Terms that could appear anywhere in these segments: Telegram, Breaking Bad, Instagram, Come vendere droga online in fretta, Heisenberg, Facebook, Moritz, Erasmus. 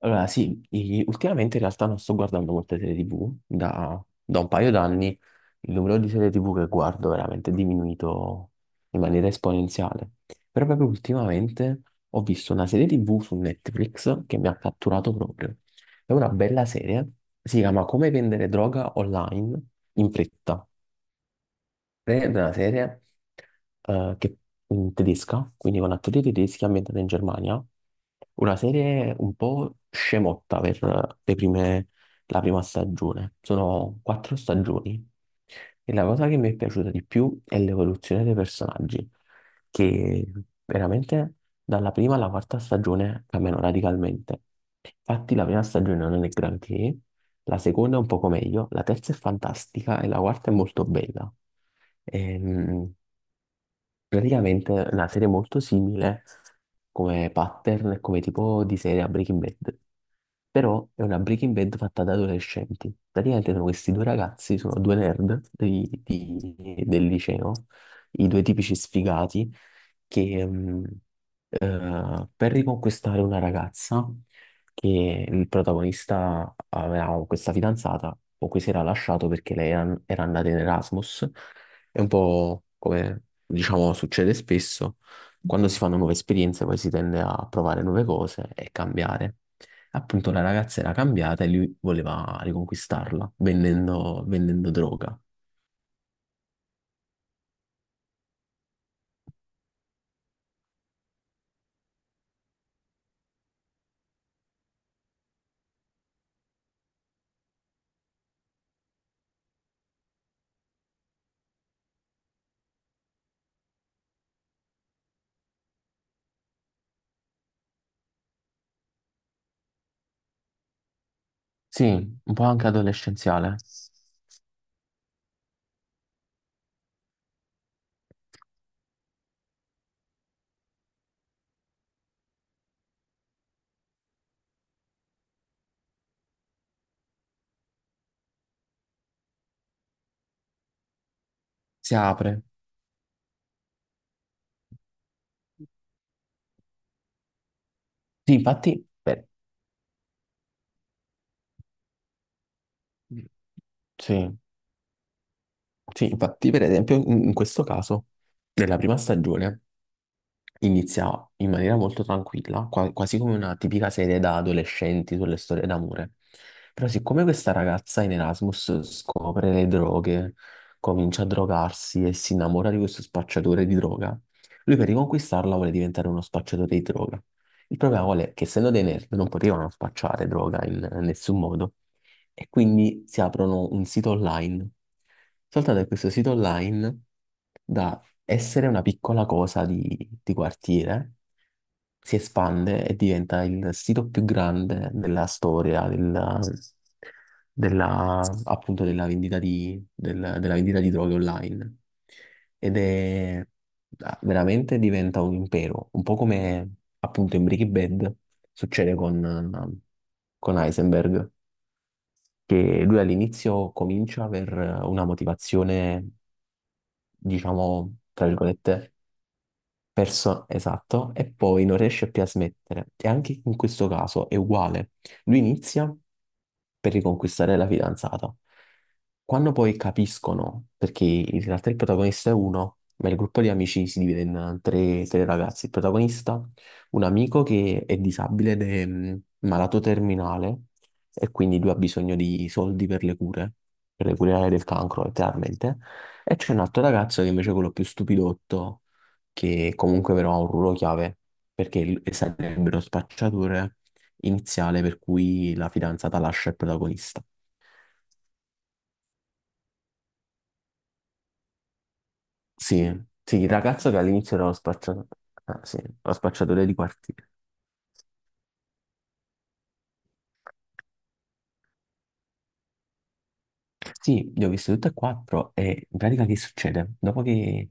Allora, sì, ultimamente in realtà non sto guardando molte serie TV, da un paio d'anni il numero di serie TV che guardo è veramente diminuito in maniera esponenziale. Però proprio ultimamente ho visto una serie TV su Netflix che mi ha catturato proprio. È una bella serie, si chiama Come vendere droga online in fretta, è una serie eh, che- in tedesca, quindi con attori tedeschi ambientata in Germania, una serie un po' scemotta per le prime- la prima stagione. Sono 4 stagioni e la cosa che mi è piaciuta di più è l'evoluzione dei personaggi, che veramente dalla prima alla quarta stagione cambiano radicalmente. Infatti la prima stagione non è granché, la seconda è un poco meglio, la terza è fantastica e la quarta è molto bella. Ehm, Praticamente è una serie molto simile come pattern e come tipo di serie a Breaking Bad, però è una Breaking Bad fatta da adolescenti. Praticamente sono questi due ragazzi, sono due nerd del liceo, i due tipici sfigati che per riconquistare una ragazza, che il protagonista aveva questa fidanzata o cui si era lasciato perché lei era andata in Erasmus, è un po' come, diciamo, succede spesso. Quando si fanno nuove esperienze, poi si tende a provare nuove cose e cambiare. Appunto, la ragazza era cambiata e lui voleva riconquistarla vendendo droga. Sì, un po' anche adolescenziale. Si apre. Sì, infatti, sì, sì, infatti, per esempio, in questo caso, nella prima stagione, inizia in maniera molto tranquilla, quasi come una tipica serie da adolescenti sulle storie d'amore. Però siccome questa ragazza in Erasmus scopre le droghe, comincia a drogarsi e si innamora di questo spacciatore di droga, lui per riconquistarla vuole diventare uno spacciatore di droga. Il problema qual è? Che essendo dei nerd non potevano spacciare droga in nessun modo e quindi si aprono un sito online. Soltanto che questo sito online dà essere una piccola cosa di quartiere, si espande e diventa il sito più grande della storia appunto della vendita della vendita di droghe online. Ed è veramente diventa un impero, un po' come appunto in Breaking Bad succede con Heisenberg, che lui all'inizio comincia per una motivazione, diciamo, tra virgolette. Perso, esatto, e poi non riesce più a smettere. E anche in questo caso è uguale. Lui inizia per riconquistare la fidanzata. Quando poi capiscono, perché in realtà il protagonista è uno, ma il gruppo di amici si divide in tre, tre ragazzi. Il protagonista, un amico che è disabile ed è malato terminale e quindi lui ha bisogno di soldi per le cure del cancro, letteralmente. E c'è un altro ragazzo che invece è quello più stupidotto, che comunque però ha un ruolo chiave, perché sarebbero spacciature iniziale per cui la fidanzata lascia il protagonista. Sì, sì, il ragazzo che all'inizio era lo spacciatore, ah, sì, lo spacciatore di quartiere. Sì, le ho viste tutte e quattro e in pratica che succede? Dopo che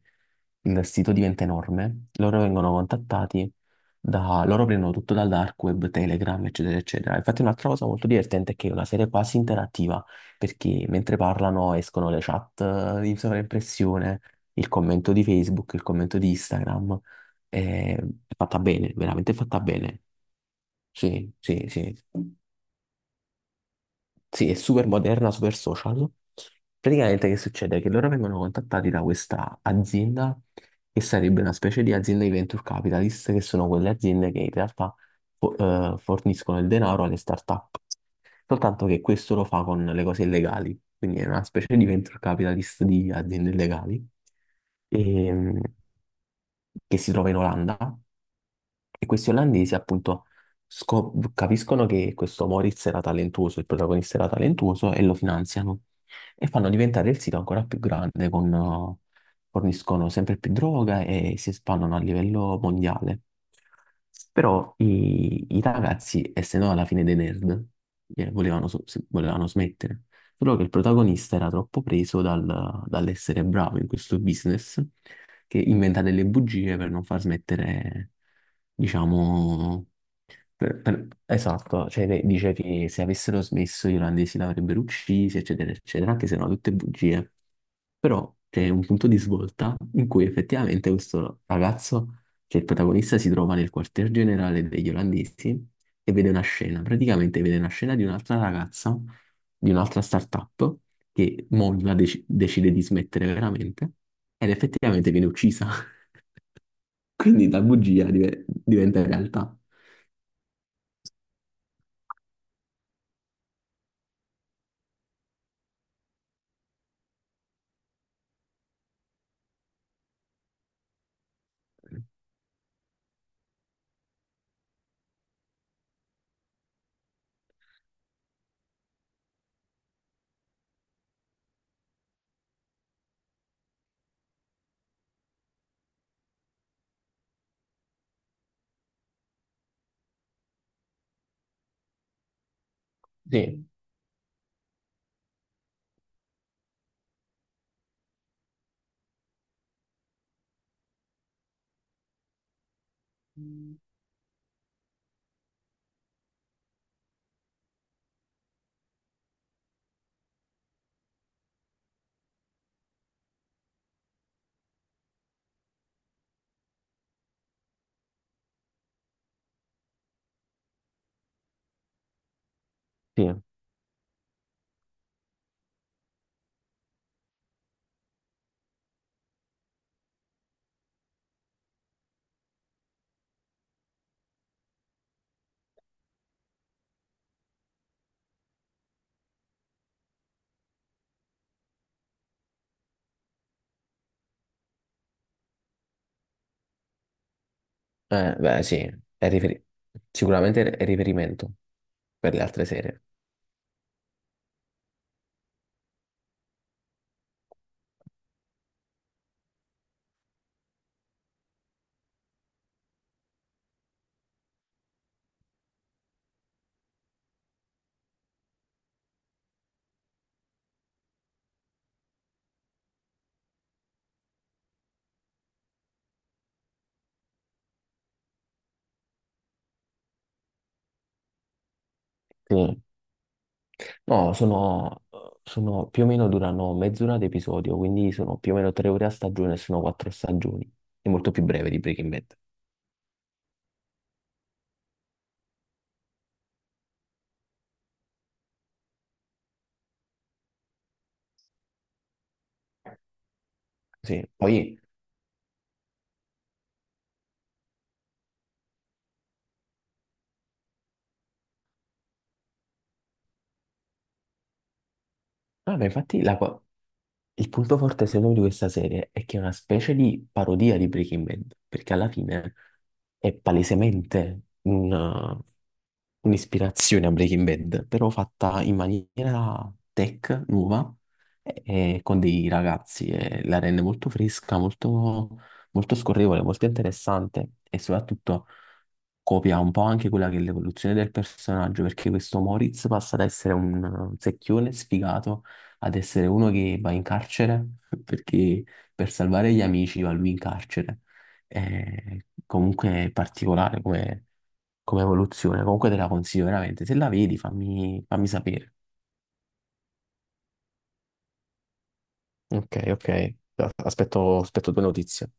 il sito diventa enorme, loro vengono contattati da... loro prendono tutto dal dark web, Telegram, eccetera, eccetera. Infatti un'altra cosa molto divertente è che è una serie quasi interattiva, perché mentre parlano escono le chat di sovraimpressione, il commento di Facebook, il commento di Instagram. È è fatta bene, veramente fatta bene. Sì, sì, sì. Sì, è super moderna, super social. Praticamente che succede? Che loro vengono contattati da questa azienda che sarebbe una specie di azienda di venture capitalist, che sono quelle aziende che in realtà fo- forniscono il denaro alle start-up. Soltanto che questo lo fa con le cose illegali, quindi è una specie di venture capitalist di aziende illegali, ehm, che si trova in Olanda, e questi olandesi appunto capiscono che questo Moritz era talentuoso, il protagonista era talentuoso e lo finanziano e fanno diventare il sito ancora più grande, forniscono sempre più droga e si espandono a livello mondiale. Però i ragazzi, essendo alla fine dei nerd, volevano smettere. Solo che il protagonista era troppo preso dall'essere bravo in questo business che inventa delle bugie per non far smettere, diciamo... Esatto, cioè dice che se avessero smesso gli olandesi l'avrebbero uccisi, eccetera, eccetera, anche se erano tutte bugie. Però è un punto di svolta in cui effettivamente questo ragazzo, che è il protagonista, si trova nel quartier generale degli olandesi e vede una scena, praticamente vede una scena di un'altra ragazza, di un'altra startup, che molla, decide di smettere veramente ed effettivamente viene uccisa. Quindi la bugia diventa realtà. Sì, sì. Beh, sì, è riferi- sicuramente è riferimento per le altre serie. Sì. No, sono, sono più o meno durano mezz'ora ad episodio, quindi sono più o meno 3 ore a stagione, sono quattro stagioni. È molto più breve di Breaking Bad. Sì, poi, no, ma infatti la co- il punto forte secondo me di questa serie è che è una specie di parodia di Breaking Bad, perché alla fine è palesemente un'ispirazione a Breaking Bad, però fatta in maniera tech, nuova, e, e con dei ragazzi, e la rende molto fresca, molto, molto scorrevole, molto interessante e soprattutto copia un po' anche quella che è l'evoluzione del personaggio, perché questo Moritz passa da essere un secchione sfigato ad essere uno che va in carcere perché per salvare gli amici va lui in carcere. Comunque è particolare come, come evoluzione, comunque te la consiglio veramente. Se la vedi, fammi sapere. Ok, ok. Aspetto 2 notizie.